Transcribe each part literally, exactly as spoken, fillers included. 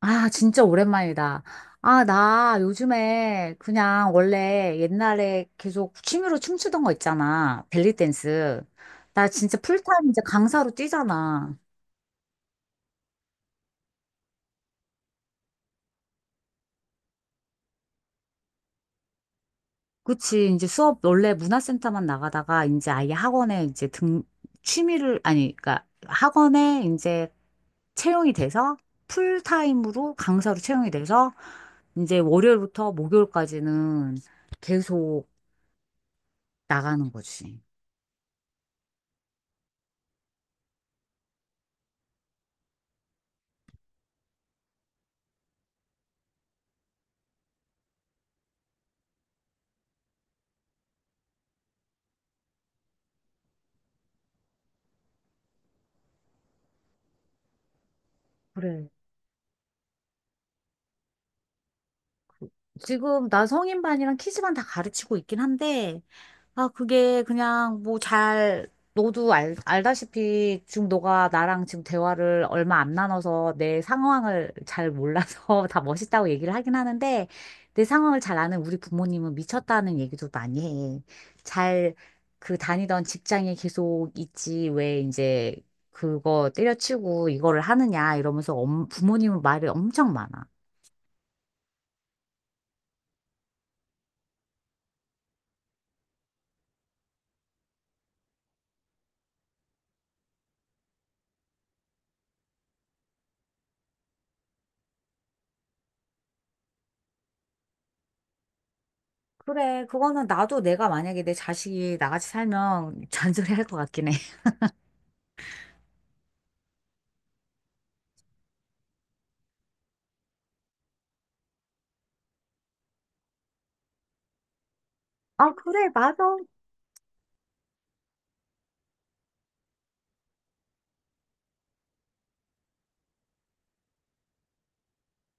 아, 진짜 오랜만이다. 아, 나 요즘에 그냥 원래 옛날에 계속 취미로 춤추던 거 있잖아. 벨리 댄스. 나 진짜 풀타임 이제 강사로 뛰잖아. 그치. 이제 수업 원래 문화센터만 나가다가 이제 아예 학원에 이제 등, 취미를, 아니, 그러니까 학원에 이제 채용이 돼서 풀타임으로 강사로 채용이 돼서 이제 월요일부터 목요일까지는 계속 나가는 거지. 그래. 지금 나 성인반이랑 키즈반 다 가르치고 있긴 한데, 아, 그게 그냥 뭐 잘, 너도 알, 알다시피 지금 너가 나랑 지금 대화를 얼마 안 나눠서 내 상황을 잘 몰라서 다 멋있다고 얘기를 하긴 하는데, 내 상황을 잘 아는 우리 부모님은 미쳤다는 얘기도 많이 해. 잘 그 다니던 직장에 계속 있지, 왜 이제 그거 때려치고 이거를 하느냐 이러면서 엄- 부모님은 말이 엄청 많아. 그래, 그거는 나도 내가 만약에 내 자식이 나같이 살면 잔소리 할 것 같긴 해. 아, 그래, 맞아.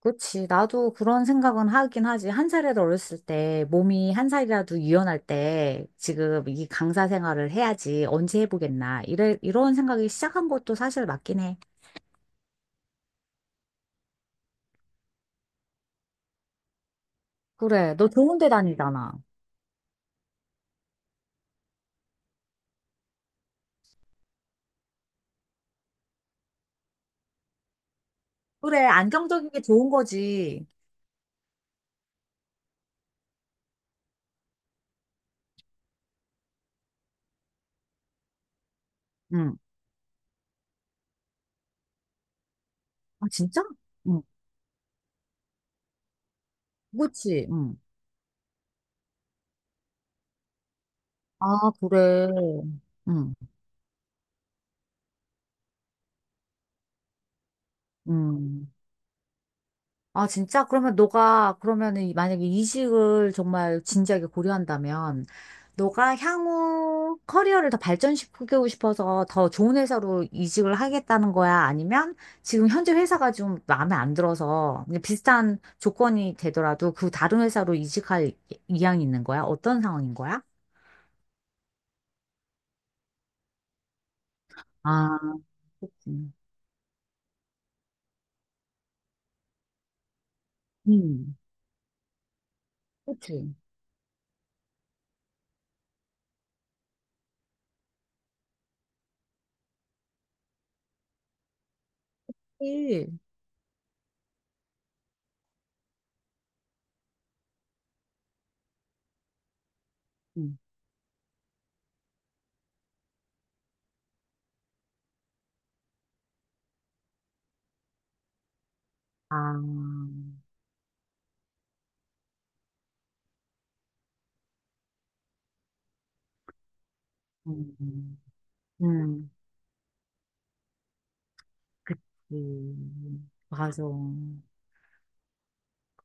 그치. 나도 그런 생각은 하긴 하지. 한 살이라도 어렸을 때, 몸이 한 살이라도 유연할 때, 지금 이 강사 생활을 해야지. 언제 해보겠나. 이래, 이런 생각이 시작한 것도 사실 맞긴 해. 그래. 너 좋은 데 다니잖아. 그래, 안정적인 게 좋은 거지. 응. 아, 진짜? 응. 그치. 응. 아, 그래. 응. 응. 아, 진짜? 그러면 너가, 그러면은 이- 만약에 이직을 정말 진지하게 고려한다면, 너가 향후 커리어를 더 발전시키고 싶어서 더 좋은 회사로 이직을 하겠다는 거야? 아니면 지금 현재 회사가 좀 마음에 안 들어서 그냥 비슷한 조건이 되더라도 그 다른 회사로 이직할 이- 이향이 있는 거야? 어떤 상황인 거야? 아, 음. 음, 그치. 일. 음. 아, 음. 음. 음. 음, 맞아.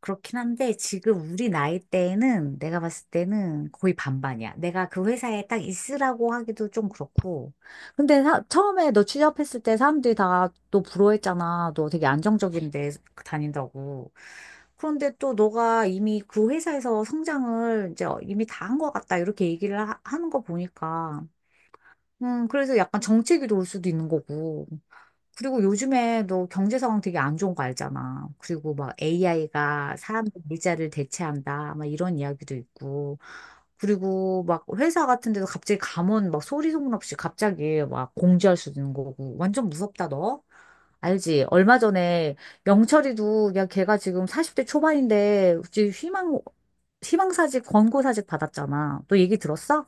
그렇긴 한데 지금 우리 나이 때에는 내가 봤을 때는 거의 반반이야. 내가 그 회사에 딱 있으라고 하기도 좀 그렇고. 근데 사- 처음에 너 취업했을 때 사람들이 다 너 부러워했잖아. 너 되게 안정적인 데 다닌다고. 그런데 또 너가 이미 그 회사에서 성장을 이제 이미 다 한 것 같다. 이렇게 얘기를 하, 는거 보니까. 음, 그래서 약간 정체기도 올 수도 있는 거고. 그리고 요즘에 너 경제 상황 되게 안 좋은 거 알잖아. 그리고 막 에이아이가 사람들 일자를 대체한다. 막 이런 이야기도 있고. 그리고 막 회사 같은 데도 갑자기 감원 막 소리 소문 없이 갑자기 막 공지할 수 있는 거고. 완전 무섭다, 너. 알지? 얼마 전에 영철이도 야 걔가 지금 사십 대 초반인데 지금 희망 희망사직 권고사직 받았잖아. 너 얘기 들었어?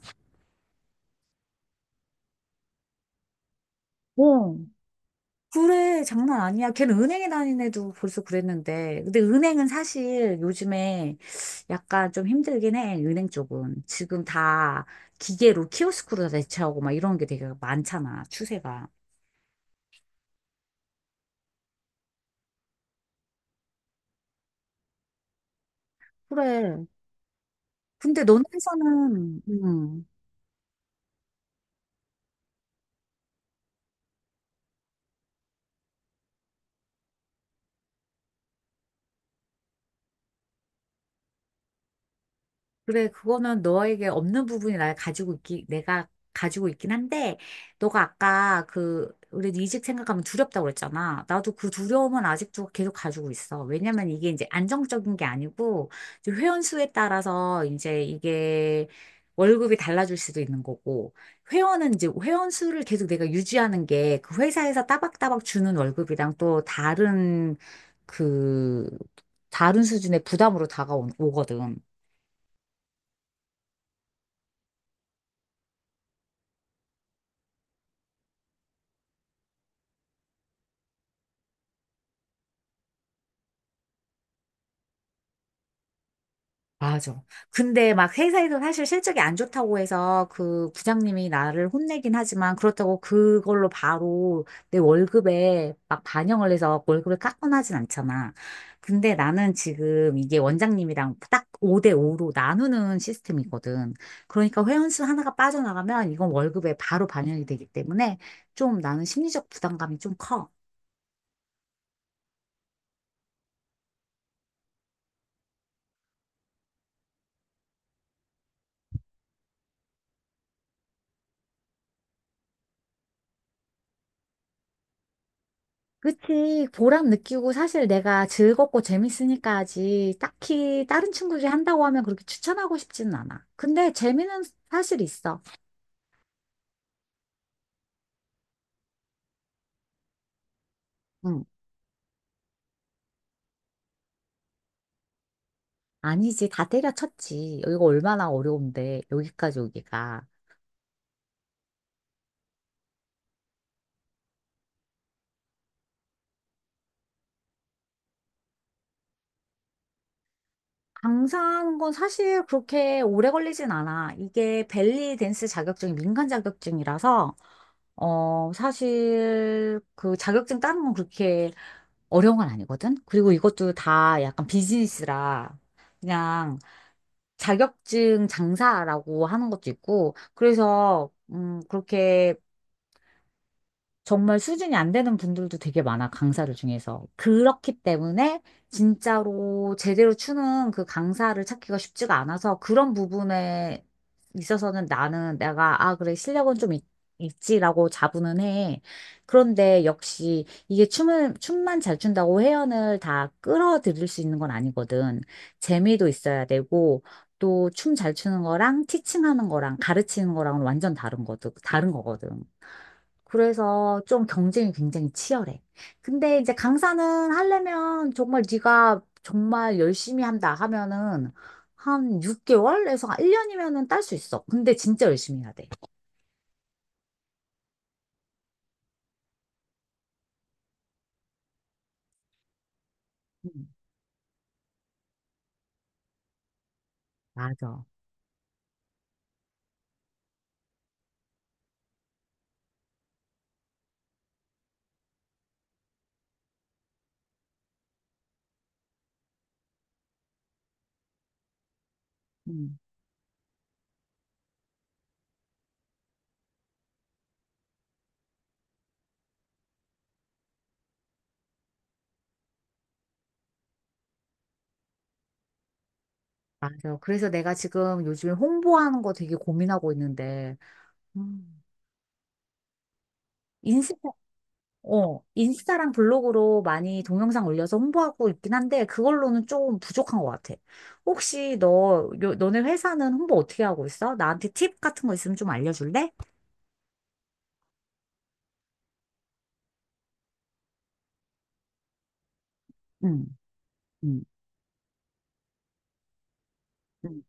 어. 그래, 장난 아니야. 걔는 은행에 다닌 애도 벌써 그랬는데. 근데 은행은 사실 요즘에 약간 좀 힘들긴 해, 은행 쪽은. 지금 다 기계로 키오스크로 다 대체하고 막 이런 게 되게 많잖아, 추세가. 그래. 근데 너네 회사는, 음, 그래, 그거는 너에게 없는 부분이 나 가지고 있기, 내가 가지고 있긴 한데, 너가 아까 그, 우리 이직 생각하면 두렵다고 그랬잖아. 나도 그 두려움은 아직도 계속 가지고 있어. 왜냐면 이게 이제 안정적인 게 아니고, 이제 회원 수에 따라서 이제 이게 월급이 달라질 수도 있는 거고, 회원은 이제 회원 수를 계속 내가 유지하는 게 그 회사에서 따박따박 주는 월급이랑 또 다른 그, 다른 수준의 부담으로 다가오거든. 맞아. 근데 막 회사에서 사실 실적이 안 좋다고 해서 그 부장님이 나를 혼내긴 하지만 그렇다고 그걸로 바로 내 월급에 막 반영을 해서 월급을 깎거나 하진 않잖아. 근데 나는 지금 이게 원장님이랑 딱 오 대 오로 나누는 시스템이거든. 그러니까 회원수 하나가 빠져나가면 이건 월급에 바로 반영이 되기 때문에 좀 나는 심리적 부담감이 좀 커. 그치. 보람 느끼고 사실 내가 즐겁고 재밌으니까 지 딱히 다른 친구들이 한다고 하면 그렇게 추천하고 싶지는 않아. 근데 재미는 사실 있어. 응. 아니지. 다 때려쳤지. 여기가 얼마나 어려운데. 여기까지 오기가. 강사하는 건 사실 그렇게 오래 걸리진 않아. 이게 벨리 댄스 자격증이 민간 자격증이라서, 어, 사실 그 자격증 따는 건 그렇게 어려운 건 아니거든? 그리고 이것도 다 약간 비즈니스라. 그냥 자격증 장사라고 하는 것도 있고, 그래서, 음, 그렇게 정말 수준이 안 되는 분들도 되게 많아, 강사들 중에서. 그렇기 때문에 진짜로 제대로 추는 그 강사를 찾기가 쉽지가 않아서 그런 부분에 있어서는 나는 내가, 아, 그래, 실력은 좀 있, 있지라고 자부는 해. 그런데 역시 이게 춤을, 춤만 잘 춘다고 회원을 다 끌어들일 수 있는 건 아니거든. 재미도 있어야 되고, 또 춤 잘 추는 거랑 티칭하는 거랑 가르치는 거랑은 완전 다른 거든, 다른 거거든. 그래서 좀 경쟁이 굉장히 치열해. 근데 이제 강사는 하려면 정말 네가 정말 열심히 한다 하면은 한 육 개월에서 일 년이면은 딸 수 있어. 근데 진짜 열심히 해야 돼. 음, 맞아. 음, 맞아. 그래서 내가 지금 요즘에 홍보하는 거 되게 고민하고 있는데, 음, 인생 어, 인스타랑 블로그로 많이 동영상 올려서 홍보하고 있긴 한데, 그걸로는 조금 부족한 것 같아. 혹시 너, 요- 너네 회사는 홍보 어떻게 하고 있어? 나한테 팁 같은 거 있으면 좀 알려줄래? 응, 응, 응,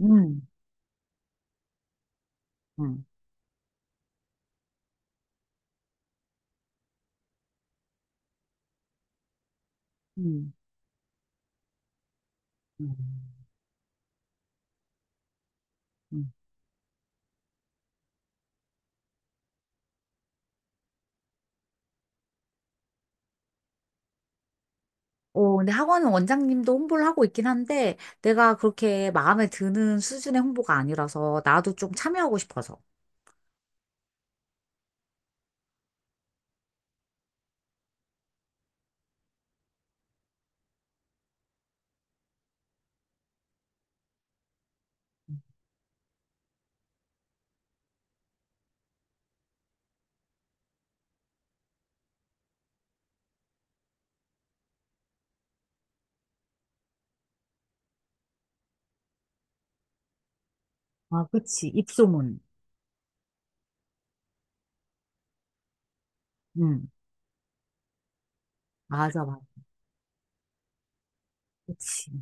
응, 응, 응. 응. 응. 어, 근데 학원 원장님도 홍보를 하고 있긴 한데, 내가 그렇게 마음에 드는 수준의 홍보가 아니라서, 나도 좀 참여하고 싶어서. 아, 그치. 입소문. 응, 맞아, 맞아. 그치.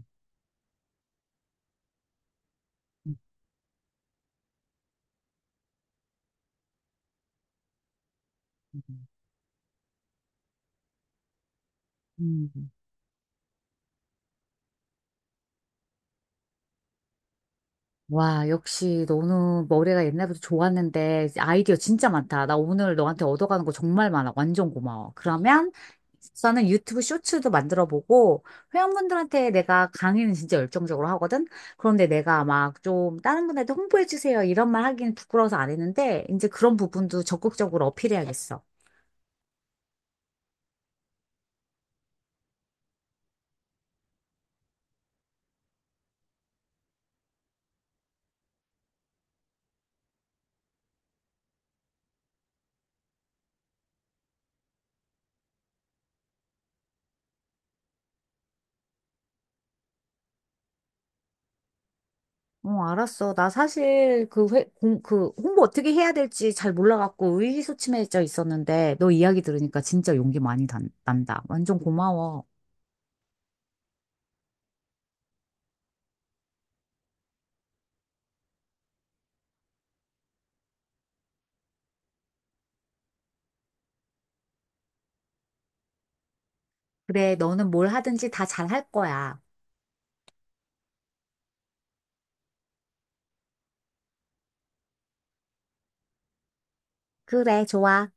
응, 응. 와, 역시 너는 머리가 옛날부터 좋았는데 아이디어 진짜 많다. 나 오늘 너한테 얻어가는 거 정말 많아. 완전 고마워. 그러면 나는 유튜브 쇼츠도 만들어 보고 회원분들한테 내가 강의는 진짜 열정적으로 하거든. 그런데 내가 막 좀 다른 분한테 홍보해 주세요 이런 말 하기는 부끄러워서 안 했는데 이제 그런 부분도 적극적으로 어필해야겠어. 어, 알았어. 나 사실 그 회, 공, 그 홍보 어떻게 해야 될지 잘 몰라갖고 의기소침해져 있었는데 너 이야기 들으니까 진짜 용기 많이 단, 난다. 완전 고마워. 그래, 너는 뭘 하든지 다 잘할 거야. 그래, 좋아.